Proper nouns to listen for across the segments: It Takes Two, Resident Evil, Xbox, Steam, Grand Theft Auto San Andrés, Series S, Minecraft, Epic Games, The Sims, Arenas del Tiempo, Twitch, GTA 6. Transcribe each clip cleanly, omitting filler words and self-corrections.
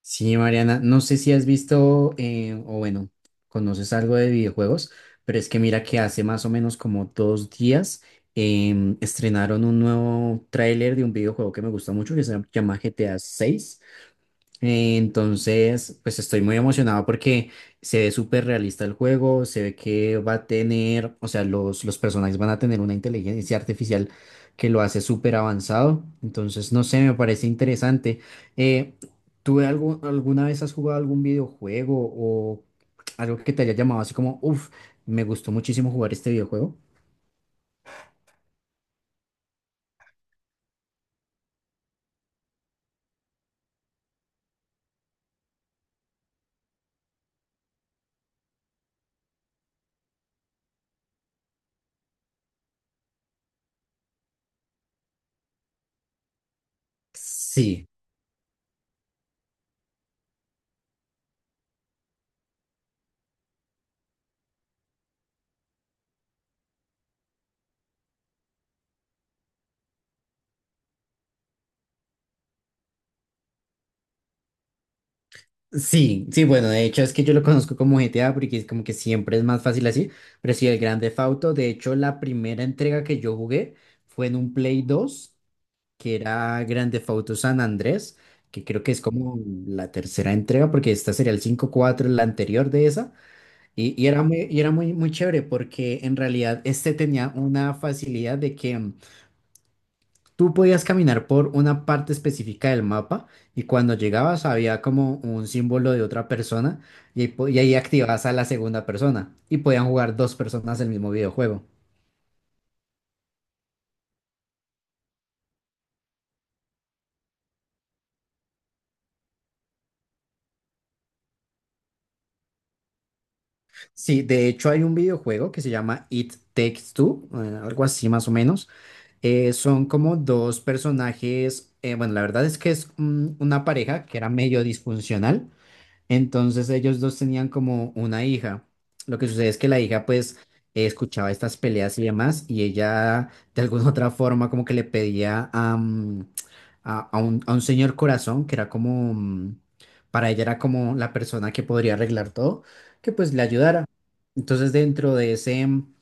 Sí, Mariana, no sé si has visto, o bueno, conoces algo de videojuegos, pero es que mira que hace más o menos como dos días, estrenaron un nuevo tráiler de un videojuego que me gusta mucho, que se llama GTA 6. Entonces, pues estoy muy emocionado porque se ve súper realista el juego. Se ve que va a tener, o sea, los personajes van a tener una inteligencia artificial que lo hace súper avanzado. Entonces, no sé, me parece interesante. Eh, Alguna vez has jugado algún videojuego o algo que te haya llamado así como, uff, me gustó muchísimo jugar este videojuego? Sí. Sí, sí, bueno, de hecho es que yo lo conozco como GTA porque es como que siempre es más fácil así, pero sí, el Grand Theft Auto. De hecho, la primera entrega que yo jugué fue en un Play dos, que era Grand Theft Auto San Andrés, que creo que es como la tercera entrega, porque esta sería el cinco, cuatro la anterior de esa. Y era muy, muy chévere porque en realidad este tenía una facilidad de que tú podías caminar por una parte específica del mapa, y cuando llegabas había como un símbolo de otra persona, y ahí activabas a la segunda persona y podían jugar dos personas el mismo videojuego. Sí, de hecho hay un videojuego que se llama It Takes Two, algo así más o menos. Son como dos personajes, bueno, la verdad es que es una pareja que era medio disfuncional. Entonces, ellos dos tenían como una hija. Lo que sucede es que la hija, pues escuchaba estas peleas y demás, y ella de alguna otra forma, como que le pedía a, mm, a un señor corazón que era como, para ella, era como la persona que podría arreglar todo, que pues le ayudara. Entonces, dentro de ese... mm,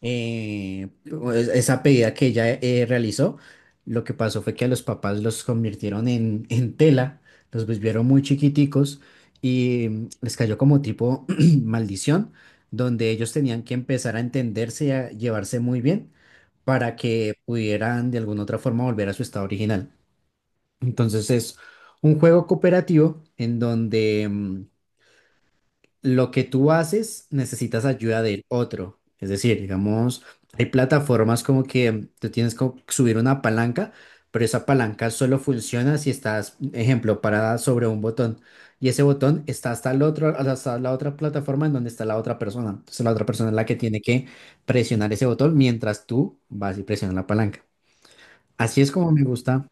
eh, pues, esa pedida que ella, realizó, lo que pasó fue que a los papás los convirtieron en tela, los volvieron muy chiquiticos y, les cayó como tipo maldición, donde ellos tenían que empezar a entenderse y a llevarse muy bien para que pudieran de alguna otra forma volver a su estado original. Entonces, es un juego cooperativo en donde lo que tú haces, necesitas ayuda del otro. Es decir, digamos, hay plataformas como que tú tienes que subir una palanca, pero esa palanca solo funciona si estás, ejemplo, parada sobre un botón. Y ese botón está hasta el otro, hasta la otra plataforma en donde está la otra persona. Entonces, la otra persona es la que tiene que presionar ese botón mientras tú vas y presionas la palanca. Así es como me gusta.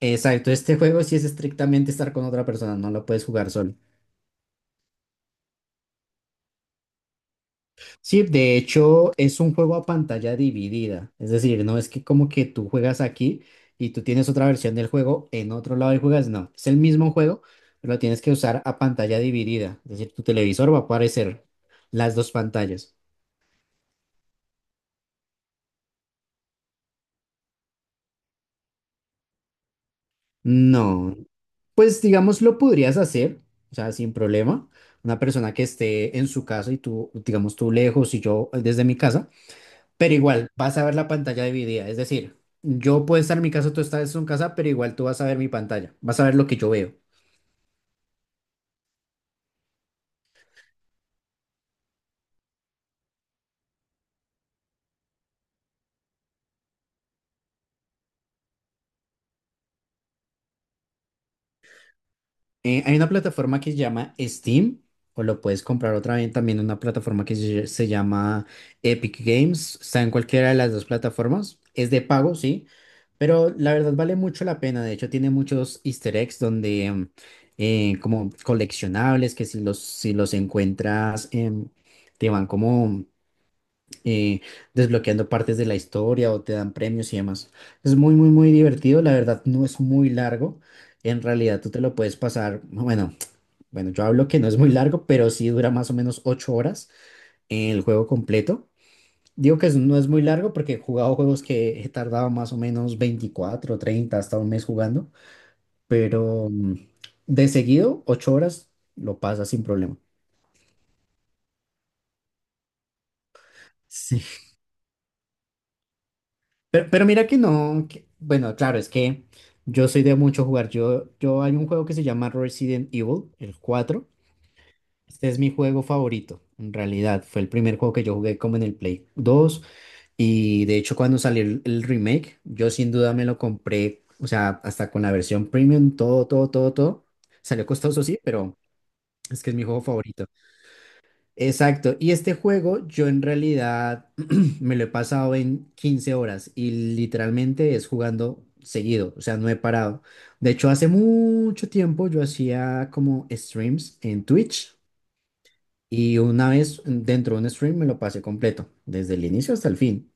Exacto, este juego sí es estrictamente estar con otra persona, no lo puedes jugar solo. Sí, de hecho es un juego a pantalla dividida. Es decir, no es que como que tú juegas aquí y tú tienes otra versión del juego en otro lado y juegas, no, es el mismo juego, pero lo tienes que usar a pantalla dividida. Es decir, tu televisor va a aparecer las dos pantallas. No, pues digamos lo podrías hacer, o sea, sin problema. Una persona que esté en su casa y tú, digamos tú lejos y yo desde mi casa. Pero igual, vas a ver la pantalla dividida. Es decir, yo puedo estar en mi casa, tú estás en tu casa, pero igual tú vas a ver mi pantalla. Vas a ver lo que yo veo. Hay una plataforma que se llama Steam, o lo puedes comprar, otra vez también, una plataforma que se llama Epic Games. Está en cualquiera de las dos plataformas. Es de pago, sí. Pero la verdad vale mucho la pena. De hecho, tiene muchos easter eggs donde, como coleccionables, que si los encuentras, te van como, eh, desbloqueando partes de la historia, o te dan premios y demás. Es muy, muy, muy divertido. La verdad, no es muy largo. En realidad, tú te lo puedes pasar, bueno, bueno, yo hablo que no es muy largo, pero sí dura más o menos ocho horas el juego completo. Digo que no es muy largo porque he jugado juegos que he tardado más o menos veinticuatro, treinta, hasta un mes jugando, pero, de seguido, ocho horas lo pasas sin problema. Sí, pero mira que no, bueno, claro, es que yo soy de mucho jugar. Yo, hay un juego que se llama Resident Evil, el cuatro. Este es mi juego favorito, en realidad. Fue el primer juego que yo jugué, como en el Play dos. Y de hecho, cuando salió el, remake, yo sin duda me lo compré, o sea, hasta con la versión premium, todo, todo, todo, todo. Salió costoso, sí, pero es que es mi juego favorito. Exacto, y este juego yo en realidad me lo he pasado en 15 horas, y literalmente es jugando seguido, o sea, no he parado. De hecho, hace mucho tiempo yo hacía como streams en Twitch, y una vez dentro de un stream me lo pasé completo, desde el inicio hasta el fin.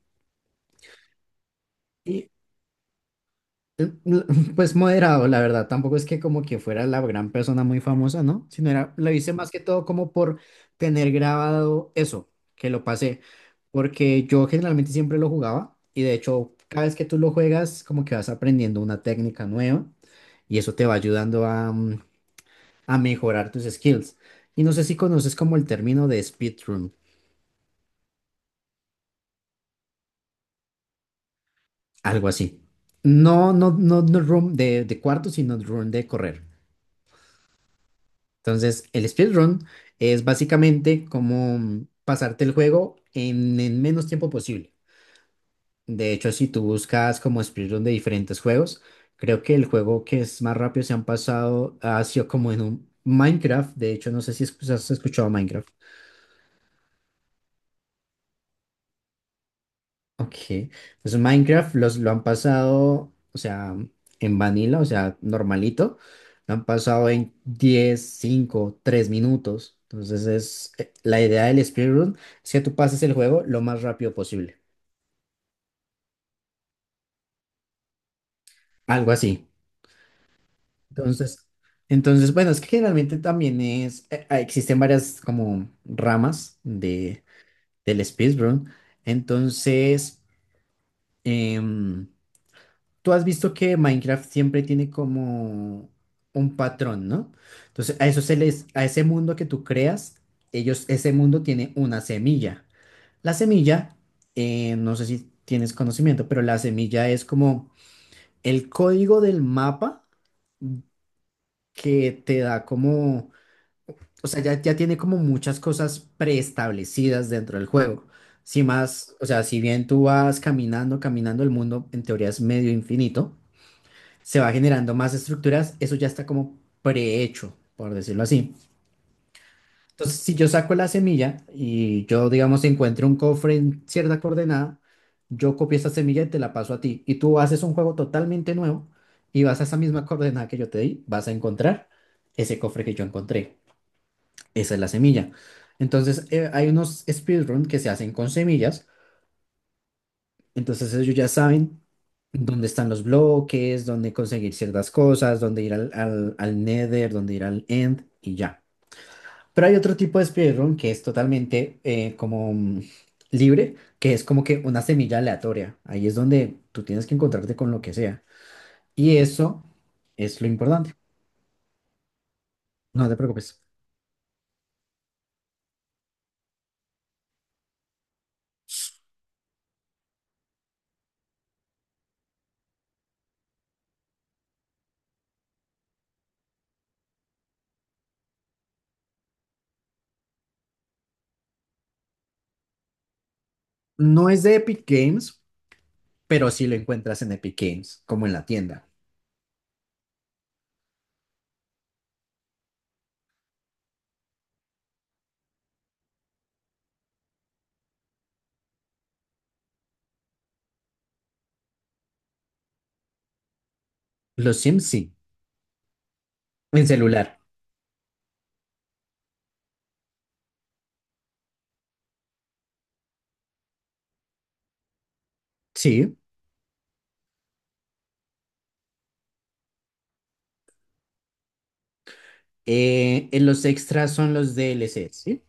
Eh, l- Pues moderado, la verdad. Tampoco es que como que fuera la gran persona muy famosa, ¿no? Sino era, lo hice más que todo como por tener grabado eso, que lo pasé. Porque yo generalmente siempre lo jugaba, y de hecho cada vez que tú lo juegas, como que vas aprendiendo una técnica nueva, y eso te va ayudando a mejorar tus skills. Y no sé si conoces como el término de speedrun, algo así. No, no, no, no, room de, cuarto, sino room de correr. Entonces, el speedrun es básicamente como pasarte el juego en el menos tiempo posible. De hecho, si tú buscas como speedrun de diferentes juegos, creo que el juego que es más rápido se han pasado ha sido como en un Minecraft. De hecho, no sé si has escuchado Minecraft. Ok, pues Minecraft lo han pasado, o sea, en vanilla, o sea, normalito, lo han pasado en 10, 5, 3 minutos. Entonces la idea del speedrun es que tú pases el juego lo más rápido posible, algo así. Entonces, bueno, es que generalmente también existen varias como ramas del speedrun. Entonces, em, tú has visto que Minecraft siempre tiene como un patrón, ¿no? Entonces, a eso se les, a ese mundo que tú creas, ese mundo tiene una semilla. La semilla, no sé si tienes conocimiento, pero la semilla es como el código del mapa, que te da como, o sea, ya, ya tiene como muchas cosas preestablecidas dentro del juego. Si más, o sea, si bien tú vas caminando, caminando, el mundo en teoría es medio infinito. Se va generando más estructuras, eso ya está como prehecho, por decirlo así. Entonces, si yo saco la semilla, y yo, digamos, encuentro un cofre en cierta coordenada, yo copio esa semilla y te la paso a ti, y tú haces un juego totalmente nuevo y vas a esa misma coordenada que yo te di, vas a encontrar ese cofre que yo encontré. Esa es la semilla. Entonces, hay unos speedruns que se hacen con semillas. Entonces, ellos ya saben dónde están los bloques, dónde conseguir ciertas cosas, dónde ir al, al, Nether, dónde ir al End y ya. Pero hay otro tipo de speedrun que es totalmente, como, libre, que es como que una semilla aleatoria. Ahí es donde tú tienes que encontrarte con lo que sea. Y eso es lo importante. No te preocupes. No es de Epic Games, pero sí lo encuentras en Epic Games, como en la tienda. Los Sims sí, en celular. Sí. En los extras son los DLC.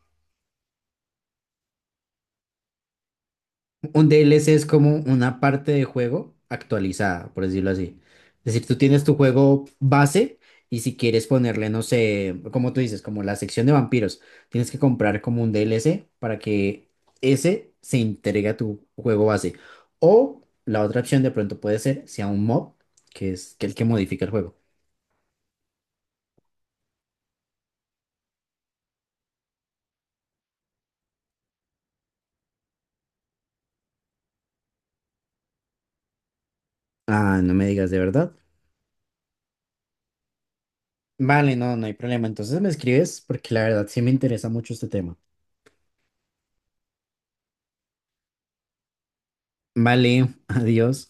Un DLC es como una parte de juego actualizada, por decirlo así. Es decir, tú tienes tu juego base, y si quieres ponerle, no sé, como tú dices, como la sección de vampiros, tienes que comprar como un DLC para que ese se integre a tu juego base. O la otra opción de pronto puede ser, sea un mod, que es que el que modifica el juego. Ah, no me digas, de verdad. Vale, no, no hay problema. Entonces me escribes porque la verdad sí me interesa mucho este tema. Vale, adiós.